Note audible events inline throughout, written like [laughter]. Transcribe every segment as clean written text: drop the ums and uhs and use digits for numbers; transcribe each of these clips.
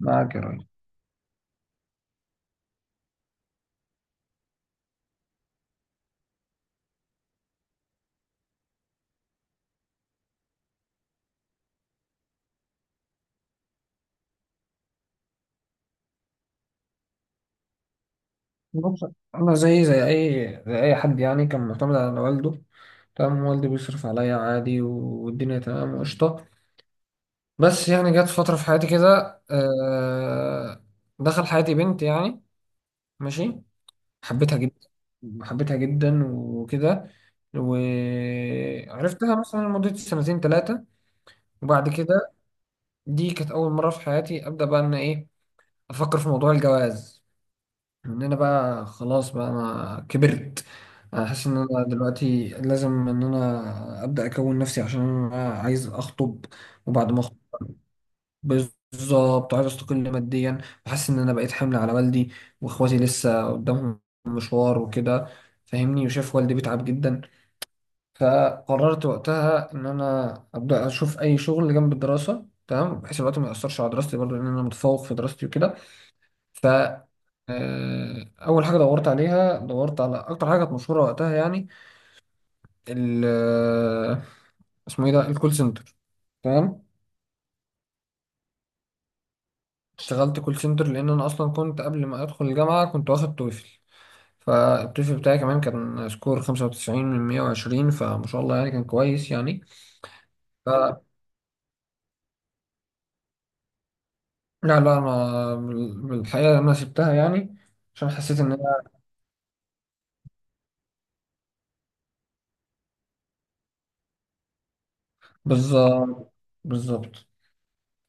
معاك يا راجل. بص، انا زي اي حد، يعني كان معتمد على والده. تمام. والدي بيصرف عليا عادي، والدنيا تمام وقشطه. بس يعني جت فتره في حياتي كده، دخل حياتي بنت يعني. ماشي. حبيتها جدا، حبيتها جدا وكده. وعرفتها مثلا لمده سنتين ثلاثه، وبعد كده دي كانت اول مره في حياتي ابدا بقى ان ايه افكر في موضوع الجواز. ان انا بقى خلاص، بقى انا كبرت. انا حاسس ان انا دلوقتي لازم ان انا ابدا اكون نفسي عشان انا عايز اخطب، وبعد ما اخطب بالظبط عايز استقل ماديا. وحاسس ان انا بقيت حمل على والدي، واخواتي لسه قدامهم مشوار وكده. فاهمني؟ وشاف والدي بيتعب جدا، فقررت وقتها ان انا ابدا اشوف اي شغل جنب الدراسه، تمام، بحيث الوقت ما ياثرش على دراستي برضه لان انا متفوق في دراستي وكده. ف آه، اول حاجه دورت على اكتر حاجه كانت مشهوره وقتها يعني. ال آه، اسمه ايه ده الكول سنتر. تمام. اشتغلت كول سنتر لان انا اصلا كنت قبل ما ادخل الجامعه كنت واخد توفل، فالتوفل بتاعي كمان كان سكور 95 من 120، فما شاء الله يعني كان كويس يعني. ف لا، لا، انا بالحقيقه انا سبتها يعني عشان حسيت ان انا. بالظبط. بالظبط.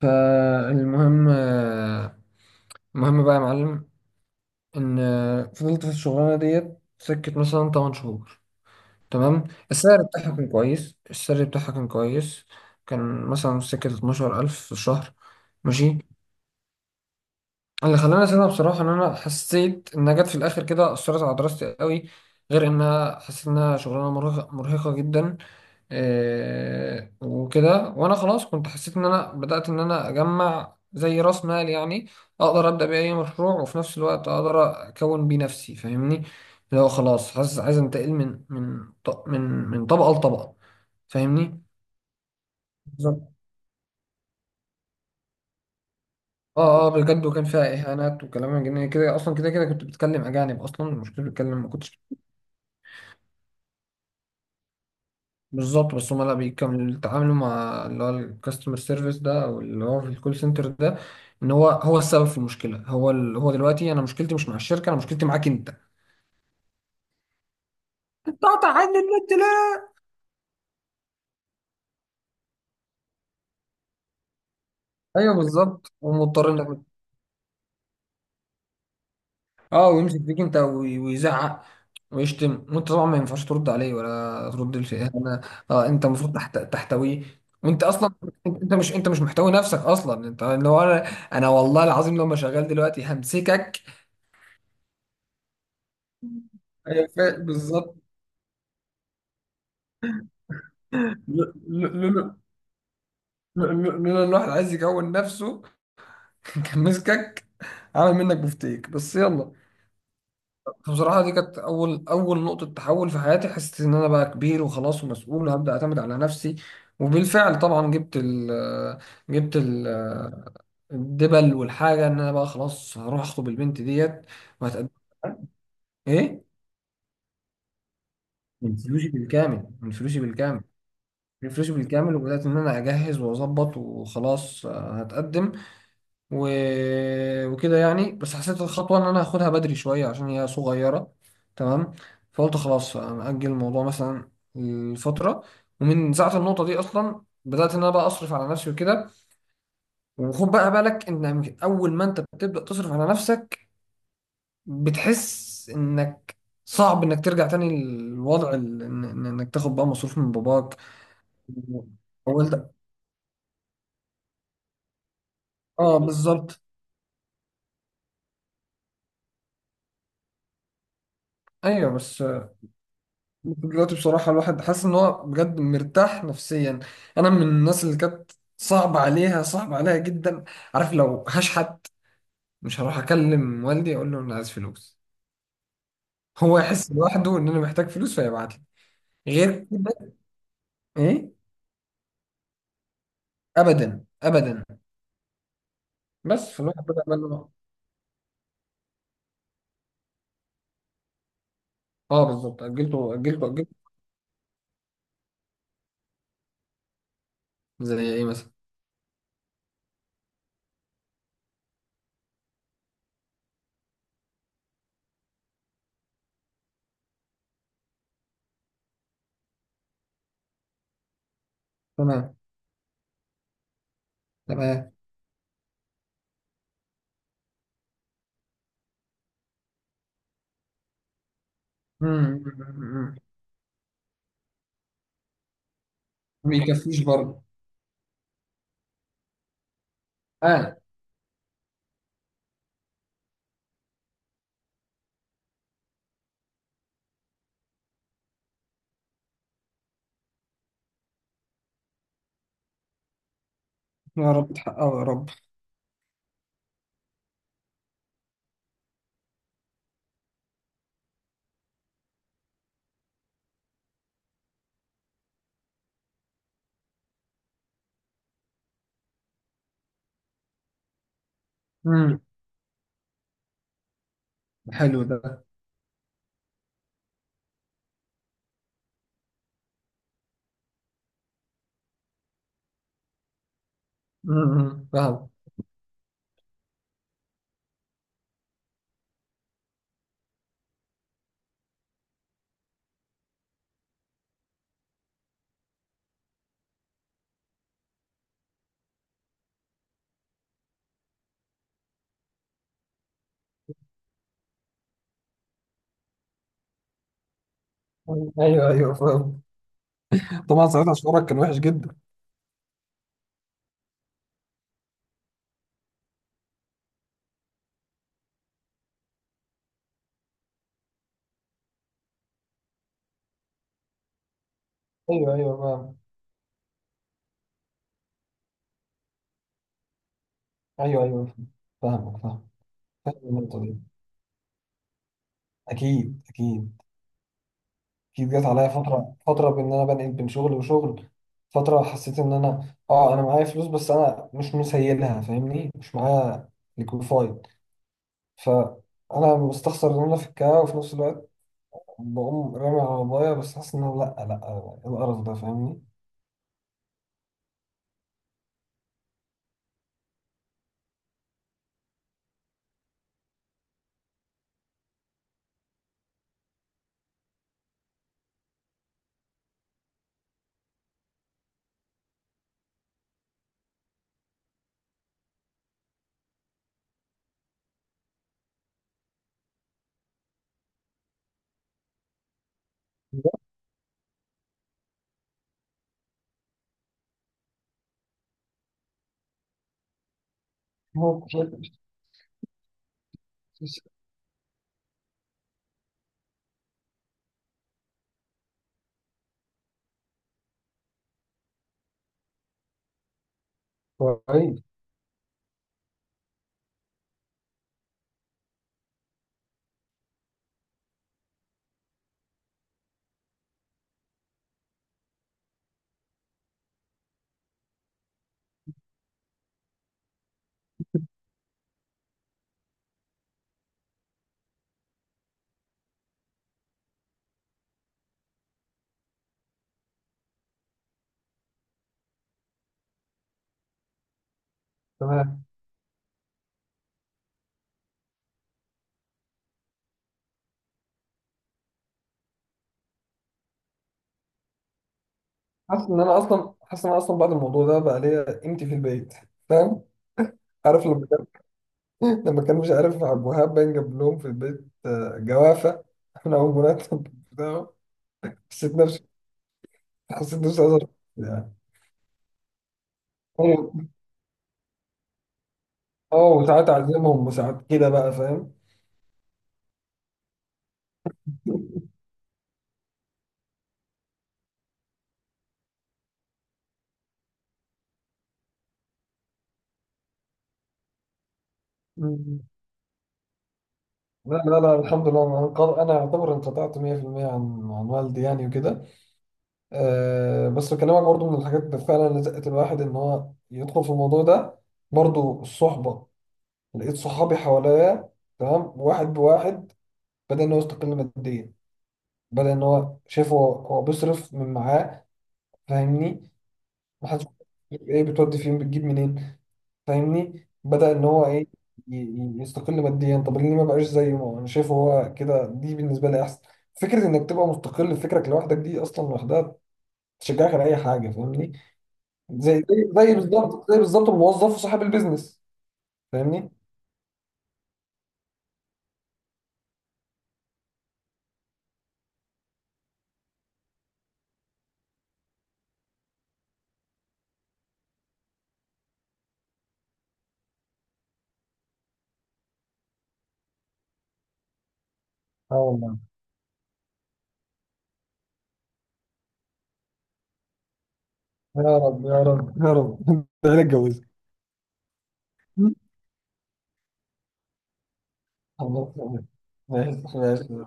فالمهم آه، المهم بقى يا معلم ان فضلت في الشغلانه ديت سكت مثلا 8 شهور. تمام. السعر بتاعها كان كويس، السعر بتاعها كان كويس. كان مثلا سكه 12000 في الشهر. ماشي. اللي خلاني اسيبها بصراحه ان انا حسيت انها جت في الاخر كده اثرت على دراستي قوي، غير انها حسيت انها شغلانه مرهقه، مرهقه جدا. إيه وكده، وانا خلاص كنت حسيت ان انا بدات ان انا اجمع زي راس مال يعني، اقدر ابدا بيه اي مشروع، وفي نفس الوقت اقدر اكون بيه نفسي. فاهمني؟ اللي هو خلاص حاسس عايز انتقل من من ط- من من طبقه لطبقه. فاهمني؟ اه، اه، بجد، وكان فيها اهانات وكلام من جنيه، كده اصلا كده كده كنت بتكلم اجانب، اصلا مش كنت بتكلم، ما كنتش. بالظبط. بس هم لا بيكملوا يتعاملوا مع اللي هو الكاستمر سيرفيس ده، او اللي هو في الكول سنتر ده، ان هو السبب في المشكله. هو هو دلوقتي انا مشكلتي مش مع الشركه، انا مشكلتي معاك انت. قطع عني النت ليه؟ ايوه بالظبط، ومضطر انك. اه ويمسك فيك انت، ويزعق، ويشتم، وانت طبعا ما ينفعش ترد عليه ولا ترد لشيء. انا. اه، انت المفروض تحتويه. وانت اصلا، انت مش محتوي نفسك اصلا، انت لو انا. انا والله العظيم لما شغال دلوقتي همسكك. أيوة، بالظبط. ل- ل- لولا لولا ان الواحد عايز يكون نفسه، [laughs] كان مسكك، عامل منك بفتيك، بس يلا. فبصراحة، دي كانت أول، أول نقطة تحول في حياتي. حسيت إن أنا بقى كبير وخلاص ومسؤول، وهبدأ أعتمد على نفسي. وبالفعل طبعا جبت ال جبت ال الدبل، والحاجة إن أنا بقى خلاص هروح أخطب البنت ديت، وهتقدم. إيه؟ من فلوسي بالكامل، من فلوسي بالكامل، من فلوسي بالكامل. وبدأت إن أنا أجهز وأظبط وخلاص، هتقدم. و... وكده يعني، بس حسيت الخطوة إن أنا هاخدها بدري شوية عشان هي صغيرة. تمام. فقلت خلاص أجل الموضوع مثلا لفترة، ومن ساعة النقطة دي أصلا بدأت إن أنا بقى أصرف على نفسي وكده. وخد بقى بالك إن أول ما أنت بتبدأ تصرف على نفسك، بتحس إنك صعب إنك ترجع تاني للوضع إنك تاخد بقى مصروف من باباك. أول ده، آه، بالظبط. أيوه، بس، دلوقتي بصراحة الواحد حاسس إن هو بجد مرتاح نفسيا. أنا من الناس اللي كانت صعب عليها، صعب عليها جدا. عارف لو هشحت مش هروح أكلم والدي أقول له أنا عايز فلوس، هو يحس لوحده إن أنا محتاج فلوس فيبعت لي. غير كده. إيه؟ أبدا، أبدا. بس فالواحد بدأ بقى أه بالظبط، أجلته، أجلته، أجلته. زي إيه مثلا؟ تمام، تمام. مم. مم، مم. ما بيكفيش برضه. آه. يا رب تحققه يا رب. مم. حلو ده. مم. مم. فاهم. ايوه، ايوه، فاهم. طبعا ساعتها شعورك كان وحش جدا. ايوه، ايوه، فاهم. ايوه، ايوه، فاهمك، فاهم. فاهم النقطه دي. اكيد، اكيد. اكيد جت عليا فتره، فتره بان انا بنقل بين شغل وشغل. فتره حسيت ان انا معايا فلوس، بس انا مش مسيلها، فاهمني، مش معايا. ليكويفايد. فانا مستخسر ان انا في الكاو، وفي نفس الوقت بقوم رامي على بابايا، بس حاسس ان أنا لا، لا، إيه القرف ده. فاهمني؟ لا. هو كويس. تمام. حاسس ان انا اصلا بعد الموضوع ده بقى ليا قيمتي في البيت. فاهم؟ عارف لما كان. [laughs] لما كان مش عارف عبد الوهاب باين جاب لهم في البيت جوافه من اول مرتب بتاعه. حسيت نفسي حسيت نفسي أزر، يعني. اه، وساعات اعزمهم، وساعات كده بقى. فاهم؟ مم. لا، لا، لا، الحمد لله، انا اعتبر انقطعت 100% عن والدي يعني وكده. أه، بس بكلمك برضو من الحاجات اللي فعلا لزقت الواحد ان هو يدخل في الموضوع ده، برضو الصحبه. لقيت صحابي حواليا، تمام، واحد بواحد، بدأ إن هو يستقل ماديا، بدأ إن هو شايف هو بيصرف من معاه. فاهمني؟ محدش بيقول إيه، بتودي فين، بتجيب منين. فاهمني؟ بدأ إن هو إيه، يستقل ماديا. طب ليه ما بقاش زيه، ما هو أنا شايفه هو كده، دي بالنسبة لي أحسن. فكرة إنك تبقى مستقل بفكرك لوحدك دي أصلا لوحدها تشجعك على أي حاجة. فاهمني؟ زي بالظبط، زي بالظبط، الموظف وصاحب البيزنس. فاهمني؟ اه والله. يا رب، يا رب، يا رب، [laughs] تعالى اتجوز. الله يسلمك. ماشي، ماشي.